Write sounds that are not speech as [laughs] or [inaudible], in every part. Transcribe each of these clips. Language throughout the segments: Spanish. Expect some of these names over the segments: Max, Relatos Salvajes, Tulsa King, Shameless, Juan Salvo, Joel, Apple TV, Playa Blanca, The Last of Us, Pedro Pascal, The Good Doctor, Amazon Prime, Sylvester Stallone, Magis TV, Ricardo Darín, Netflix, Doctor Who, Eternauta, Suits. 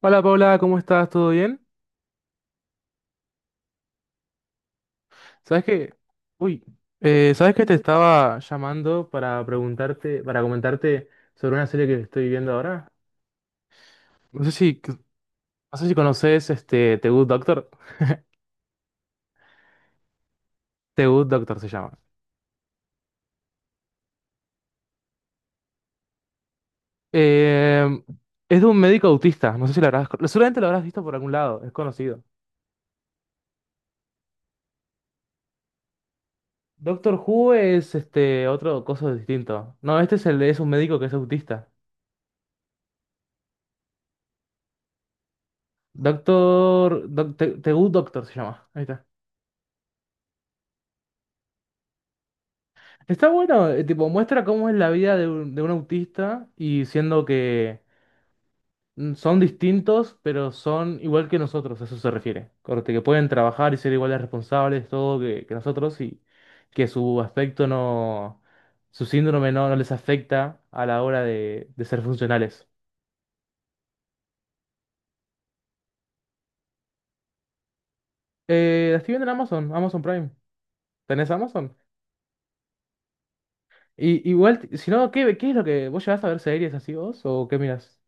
Hola Paula, ¿cómo estás? ¿Todo bien? ¿Sabes que, Uy, ¿sabes que te estaba llamando para preguntarte, para comentarte sobre una serie que estoy viendo ahora? No sé si, no sé si conoces este The Good Doctor. The Good Doctor se llama. Eh, es de un médico autista, no sé si seguramente lo habrás visto por algún lado, es conocido. Doctor Who es este otro cosa distinto. No, este es un médico que es autista. Doctor, Doc- The The Good Doctor se llama. Ahí está. Está bueno, tipo, muestra cómo es la vida de un autista y siendo que son distintos, pero son igual que nosotros, a eso se refiere. Corte, que pueden trabajar y ser igual de responsables, todo que nosotros y que su aspecto no, su síndrome no les afecta a la hora de ser funcionales. La estoy viendo en Amazon, Amazon Prime. ¿Tenés Amazon? Y igual, si no, ¿qué es lo que vos llevas a ver series así vos o qué miras?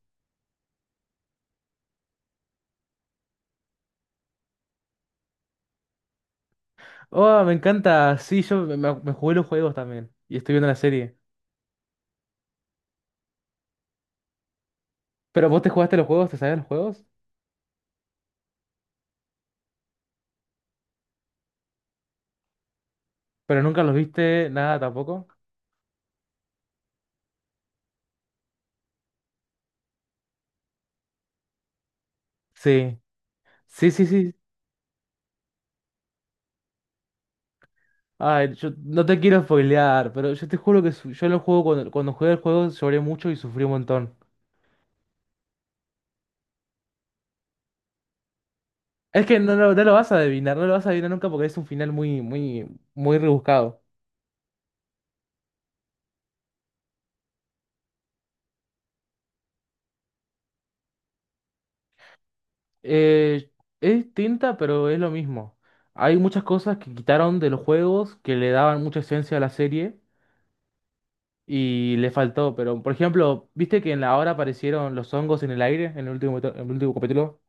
Oh, me encanta. Sí, yo me jugué los juegos también. Y estoy viendo la serie. Pero vos te jugaste los juegos, te sabías los juegos, pero nunca los viste nada tampoco. Sí, sí, sí, sí. Ay, yo no te quiero spoilear, pero yo te juro que yo lo juego cuando jugué el juego lloré mucho y sufrí un montón. Es que no, lo no lo vas a adivinar, no lo vas a adivinar nunca porque es un final muy, muy, muy rebuscado. Eh, es distinta, pero es lo mismo. Hay muchas cosas que quitaron de los juegos que le daban mucha esencia a la serie. Y le faltó. Pero, por ejemplo, ¿viste que en la hora aparecieron los hongos en el aire en el último capítulo?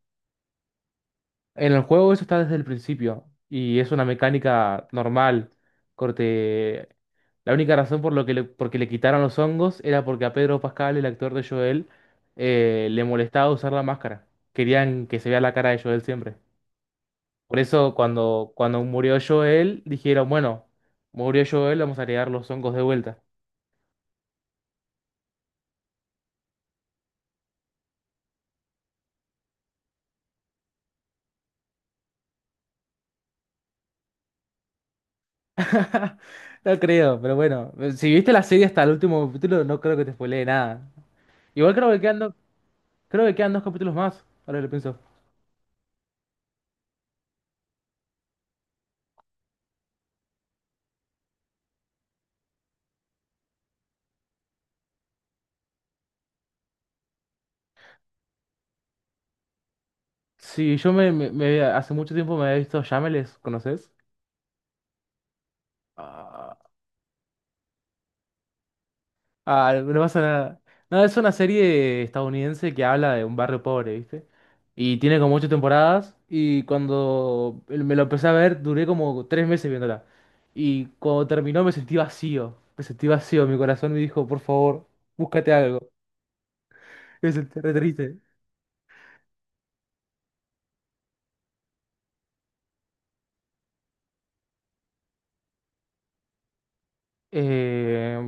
En el juego eso está desde el principio y es una mecánica normal. Corte. La única razón porque le quitaron los hongos era porque a Pedro Pascal, el actor de Joel, le molestaba usar la máscara. Querían que se vea la cara de Joel siempre. Por eso cuando murió Joel, dijeron, bueno, murió Joel, vamos a agregar los hongos de vuelta. No creo, pero bueno, si viste la serie hasta el último capítulo, no creo que te spoilee nada. Igual creo que quedan dos capítulos más, ahora que lo pienso. Sí, yo me, me- me- hace mucho tiempo me había visto Shameless, ¿conoces? Ah, ah, no pasa nada. No, es una serie estadounidense que habla de un barrio pobre, ¿viste? Y tiene como ocho temporadas, y cuando me lo empecé a ver, duré como 3 meses viéndola. Y cuando terminó me sentí vacío, mi corazón me dijo, por favor, búscate algo. Me sentí re triste. Eh,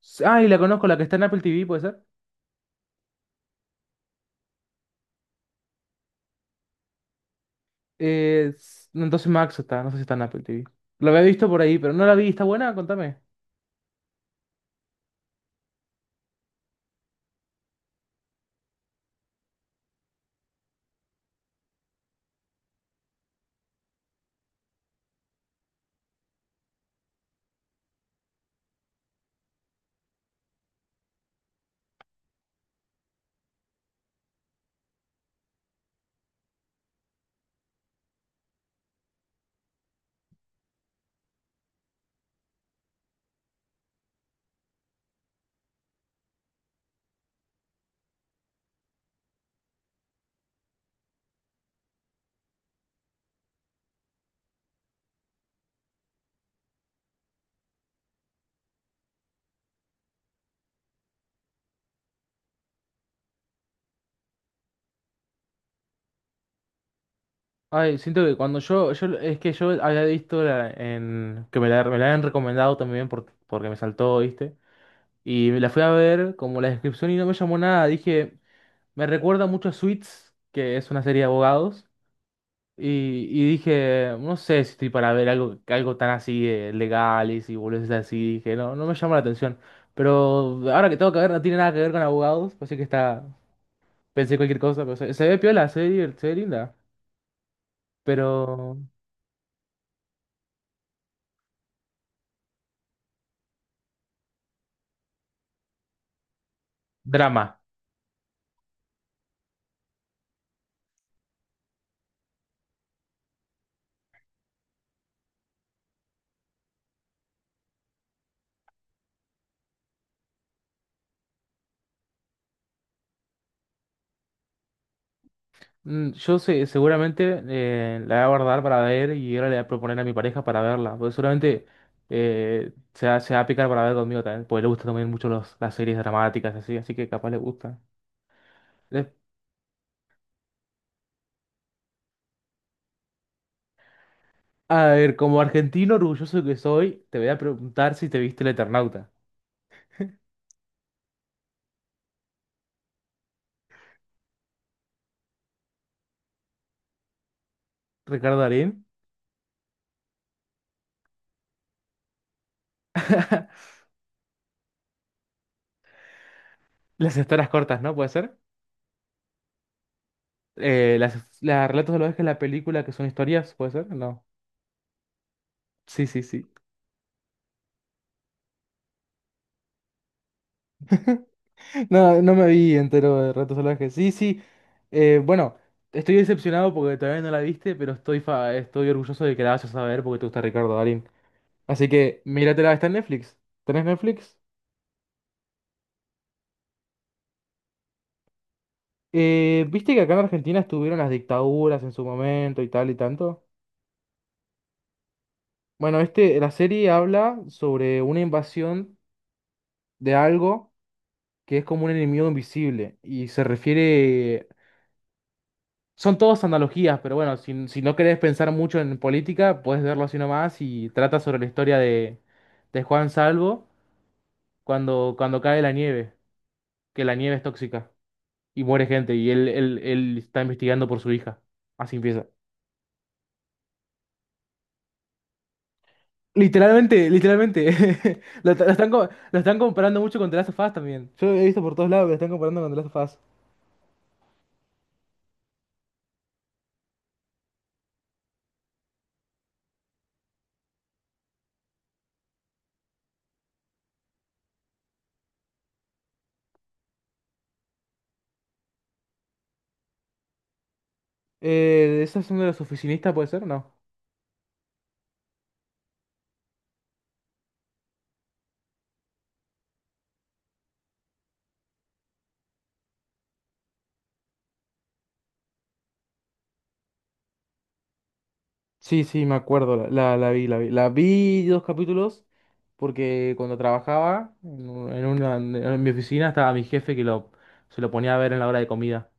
y la conozco, la que está en Apple TV, ¿puede ser? No, entonces Max está, no sé si está en Apple TV. La había visto por ahí, pero no la vi, ¿está buena? Contame. Ay, siento que cuando yo es que yo había visto la, en, que me la habían recomendado también porque me saltó, ¿viste? Y me la fui a ver como la descripción y no me llamó nada. Dije, me recuerda mucho a Suits, que es una serie de abogados. Y dije, no sé si estoy para ver algo tan así legal y si boludeces así. Dije, no, no me llama la atención. Pero ahora que tengo que ver, no tiene nada que ver con abogados. Así que está. Pensé cualquier cosa, pero se ve piola, se ve linda. Pero. Drama. Yo sé, seguramente la voy a guardar para ver y ahora le voy a proponer a mi pareja para verla. Porque seguramente se va a picar para ver conmigo también. Porque le gustan también mucho las series dramáticas así, así que capaz le gusta. A ver, como argentino orgulloso que soy, te voy a preguntar si te viste el Eternauta. Ricardo Darín. [laughs] Las historias cortas, ¿no? ¿Puede ser? Eh, las, las relatos de los que la película que son historias, ¿puede ser? No. Sí, sí, sí. [laughs] No, no me vi entero de relatos salvajes. Sí, sí. Bueno, estoy decepcionado porque todavía no la viste, pero estoy orgulloso de que la vayas a ver porque te gusta Ricardo Darín. Así que míratela, está en Netflix. ¿Tenés Netflix? ¿Viste que acá en Argentina estuvieron las dictaduras en su momento y tal y tanto? Bueno, este, la serie habla sobre una invasión de algo que es como un enemigo invisible y se refiere. Son todas analogías, pero bueno, si no querés pensar mucho en política, puedes verlo así nomás y trata sobre la historia de Juan Salvo cuando cae la nieve, que la nieve es tóxica y muere gente y él está investigando por su hija. Así empieza. Literalmente, literalmente. [laughs] Lo están comparando mucho con The Last of Us también. Yo he visto por todos lados que lo están comparando con The Last of Us. ¿Esa es una de las oficinistas, puede ser? No. Sí, sí, me acuerdo, la vi. La vi dos capítulos porque cuando trabajaba en, un- en una, en mi oficina estaba mi jefe que se lo ponía a ver en la hora de comida.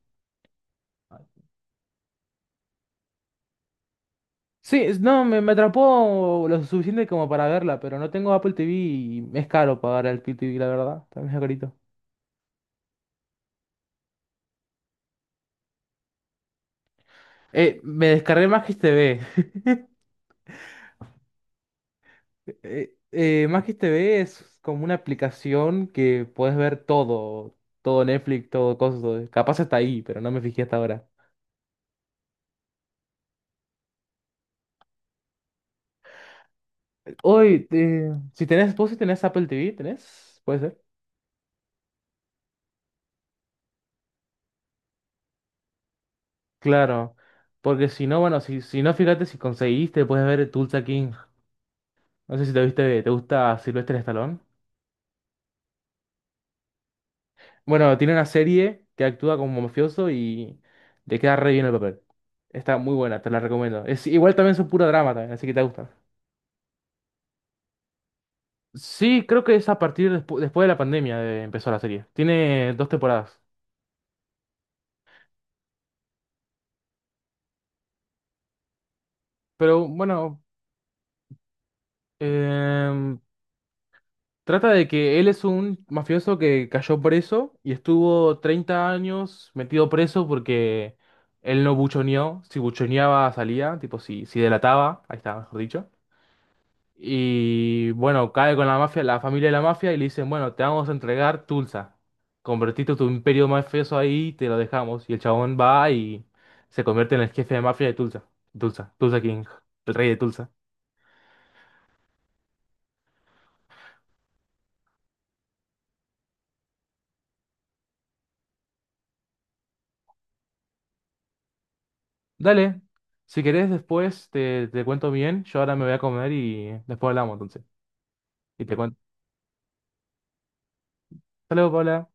Sí, no, me atrapó lo suficiente como para verla, pero no tengo Apple TV y es caro pagar el Apple TV, la verdad. También es carito. Me descargué Magis TV. Magis TV es como una aplicación que puedes ver todo, todo Netflix, todo cosas, capaz está ahí, pero no me fijé hasta ahora. Hoy, vos si tenés Apple TV, ¿tenés? ¿Puede ser? Claro, porque si no, bueno, si no, fíjate si conseguiste, puedes ver Tulsa King. No sé si te viste, ¿te gusta Sylvester Stallone? Bueno, tiene una serie que actúa como mafioso y le queda re bien el papel. Está muy buena, te la recomiendo. Igual también es un puro drama también, así que te gusta. Sí, creo que es a partir después de la pandemia empezó la serie. Tiene dos temporadas. Pero bueno, em, trata de que él es un mafioso que cayó preso y estuvo 30 años metido preso porque él no buchoneó. Si buchoneaba, salía. Tipo, si delataba, ahí está, mejor dicho. Y bueno, cae con la mafia, la familia de la mafia, y le dicen, bueno, te vamos a entregar Tulsa. Convertiste tu imperio mafioso ahí y te lo dejamos. Y el chabón va y se convierte en el jefe de mafia de Tulsa. Tulsa, Tulsa King, el rey de Tulsa. Dale, si querés después te cuento bien, yo ahora me voy a comer y después hablamos entonces. Y te cuento. Hasta luego, Paula.